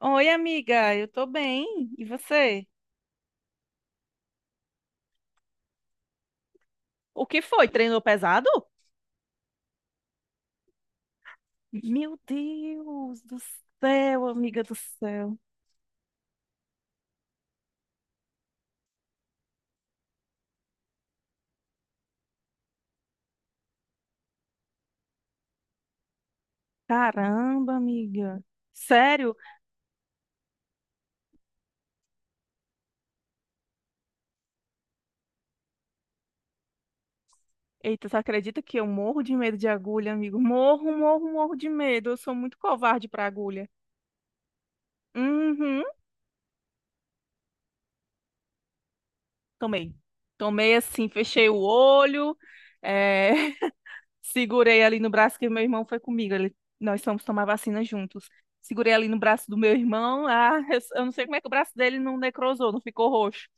Oi, amiga, eu tô bem. E você? O que foi? Treinou pesado? Meu Deus do céu, amiga do céu. Caramba, amiga. Sério? Eita, você acredita que eu morro de medo de agulha, amigo? Morro, morro, morro de medo. Eu sou muito covarde pra agulha. Uhum. Tomei. Tomei assim, fechei o olho. É... Segurei ali no braço que meu irmão foi comigo. Nós fomos tomar vacina juntos. Segurei ali no braço do meu irmão. Ah, eu não sei como é que o braço dele não necrosou, não ficou roxo.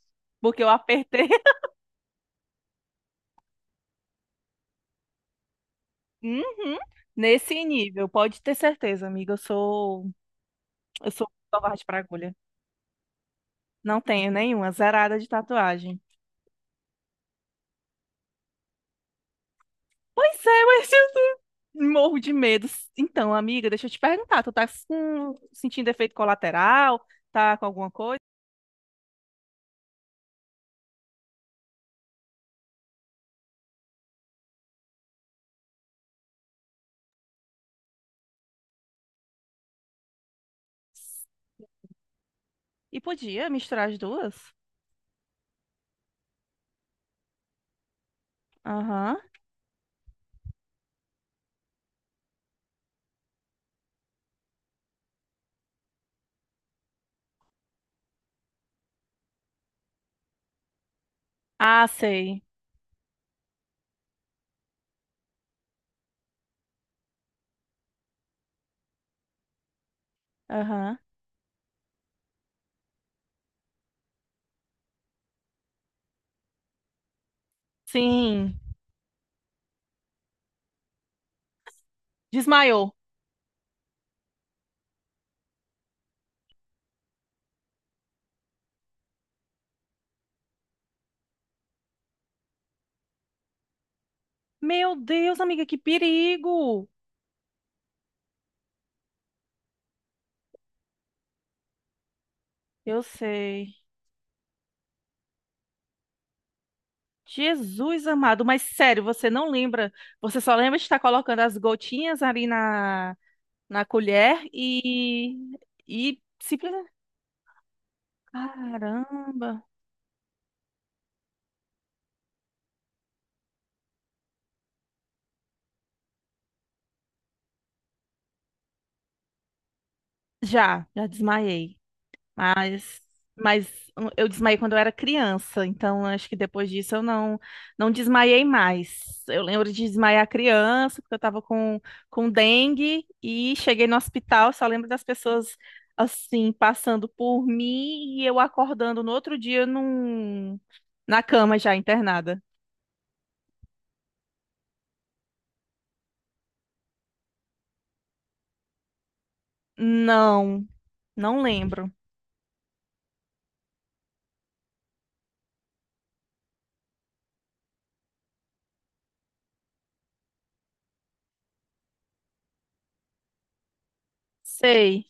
Porque eu apertei. Uhum. Nesse nível, pode ter certeza, amiga. Eu sou covarde para agulha. Não tenho nenhuma, zerada de tatuagem. Pois é, mas eu morro de medo. Então, amiga, deixa eu te perguntar, tu tá sentindo efeito colateral? Tá com alguma coisa? E podia misturar as duas? Aham. Ah, sei. Aham. Sim. Desmaiou. Meu Deus, amiga, que perigo! Eu sei. Jesus amado, mas sério, você não lembra? Você só lembra de estar colocando as gotinhas ali na colher e. E simplesmente. Caramba! Já, já desmaiei. Mas, mas eu desmaiei quando eu era criança, então acho que depois disso eu não não desmaiei mais. Eu lembro de desmaiar criança, porque eu estava com dengue e cheguei no hospital, só lembro das pessoas assim passando por mim e eu acordando no outro dia na cama já internada. Não, não lembro. Sei.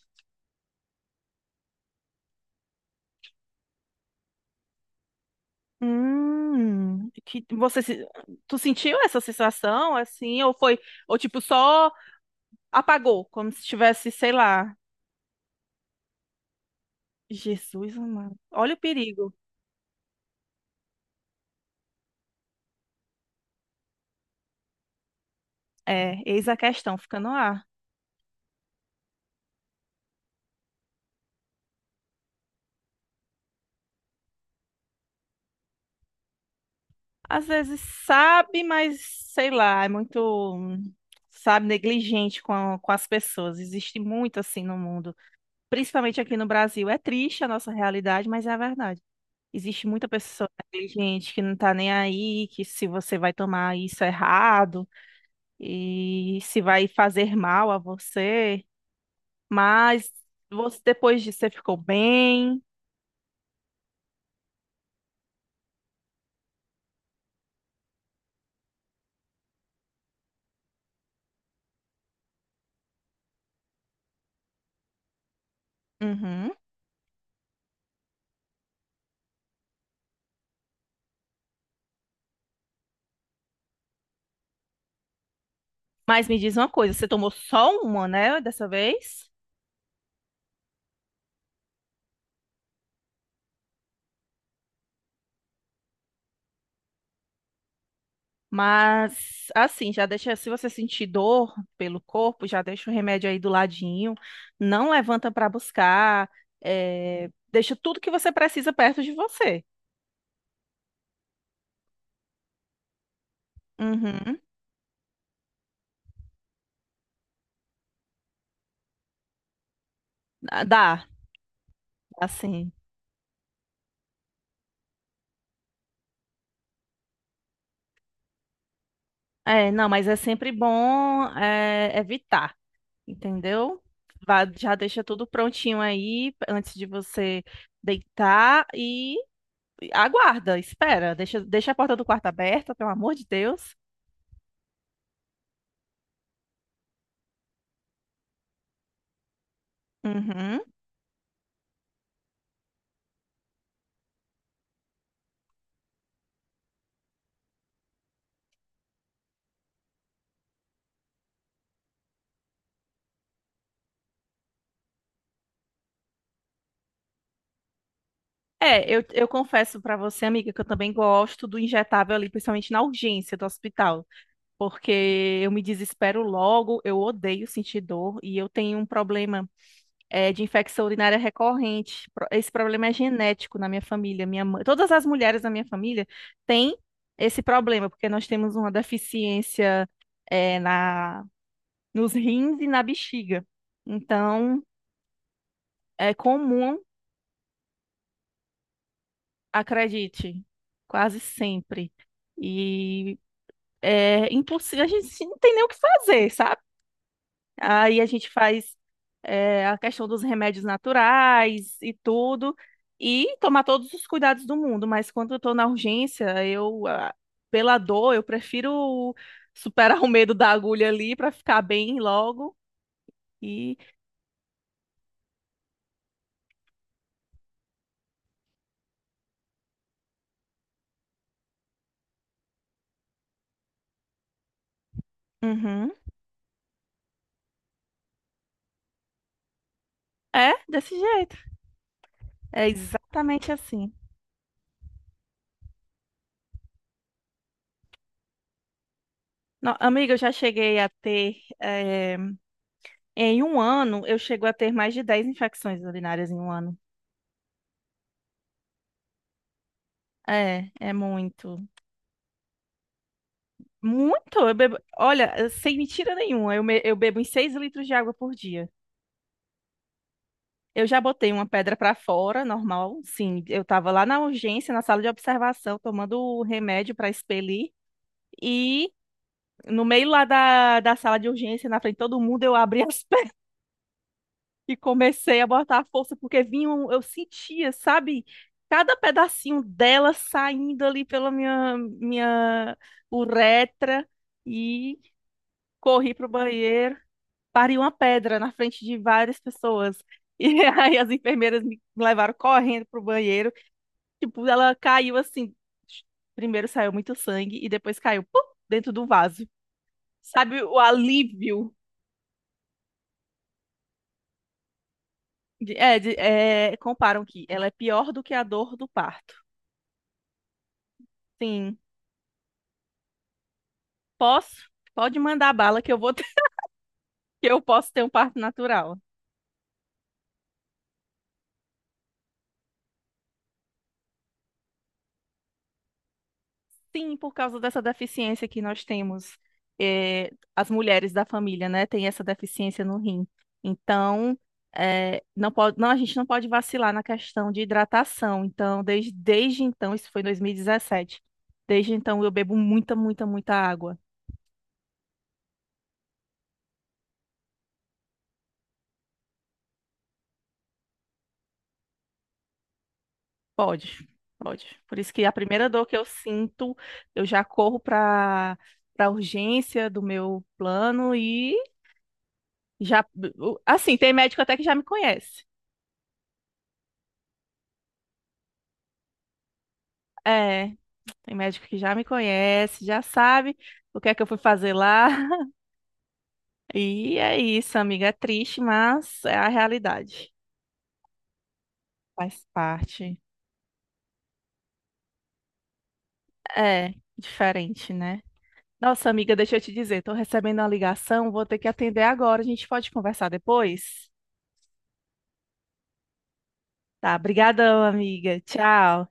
Que você se- tu sentiu essa sensação assim ou foi ou tipo só apagou, como se tivesse, sei lá. Jesus amado. Olha o perigo. É, eis a questão, fica no ar. Às vezes sabe, mas sei lá, é muito, hum, sabe, negligente com as pessoas. Existe muito assim no mundo, principalmente aqui no Brasil. É triste a nossa realidade, mas é a verdade. Existe muita pessoa negligente que não tá nem aí, que se você vai tomar isso errado e se vai fazer mal a você. Mas você, depois disso, você ficou bem. Uhum. Mas me diz uma coisa, você tomou só uma, né, dessa vez? Mas assim, já deixa, se você sentir dor pelo corpo, já deixa o remédio aí do ladinho, não levanta para buscar, deixa tudo que você precisa perto de você. Uhum. Ah, dá, assim. É, não, mas é sempre bom evitar. Entendeu? Já deixa tudo prontinho aí antes de você deitar e aguarda, espera, deixa, a porta do quarto aberta, pelo amor de Deus. Uhum. É, eu confesso pra você, amiga, que eu também gosto do injetável ali, principalmente na urgência do hospital, porque eu me desespero logo, eu odeio sentir dor e eu tenho um problema, de infecção urinária recorrente. Esse problema é genético na minha família. Minha mãe, todas as mulheres da minha família têm esse problema, porque nós temos uma deficiência, é, na, nos rins e na bexiga. Então, é comum, acredite, quase sempre. E é impossível, a gente não tem nem o que fazer, sabe? Aí a gente faz a questão dos remédios naturais e tudo, e tomar todos os cuidados do mundo. Mas quando eu tô na urgência, pela dor, eu prefiro superar o medo da agulha ali para ficar bem logo. E Uhum. É desse jeito. É exatamente assim. Amiga, eu já cheguei a ter, em um ano, eu chego a ter mais de 10 infecções urinárias em um ano. É, é muito. Muito? Eu bebo, olha, sem mentira nenhuma, eu bebo uns 6 litros de água por dia. Eu já botei uma pedra pra fora, normal, sim. Eu tava lá na urgência, na sala de observação, tomando o remédio pra expelir. E no meio lá da sala de urgência, na frente de todo mundo, eu abri as pernas e comecei a botar a força, porque vinha, eu sentia, sabe, cada pedacinho dela saindo ali pela minha uretra. E corri pro banheiro. Pariu uma pedra na frente de várias pessoas. E aí as enfermeiras me levaram correndo pro banheiro. Tipo, ela caiu assim. Primeiro saiu muito sangue e depois caiu pum, dentro do vaso. Sabe o alívio? Comparam que ela é pior do que a dor do parto. Sim, posso? Pode mandar bala que eu vou ter- que eu posso ter um parto natural. Sim, por causa dessa deficiência que nós temos, as mulheres da família, né, têm essa deficiência no rim. Então, não pode, não, a gente não pode vacilar na questão de hidratação. Então, desde então, isso foi em 2017. Desde então, eu bebo muita, muita, muita água. Pode, pode. Por isso que a primeira dor que eu sinto, eu já corro para urgência do meu plano e já, assim, tem médico até que já me conhece. É, tem médico que já me conhece, já sabe o que é que eu fui fazer lá. E é isso, amiga. É triste, mas é a realidade. Faz parte. É, diferente, né? Nossa, amiga, deixa eu te dizer, tô recebendo uma ligação, vou ter que atender agora. A gente pode conversar depois? Tá, brigadão, amiga. Tchau.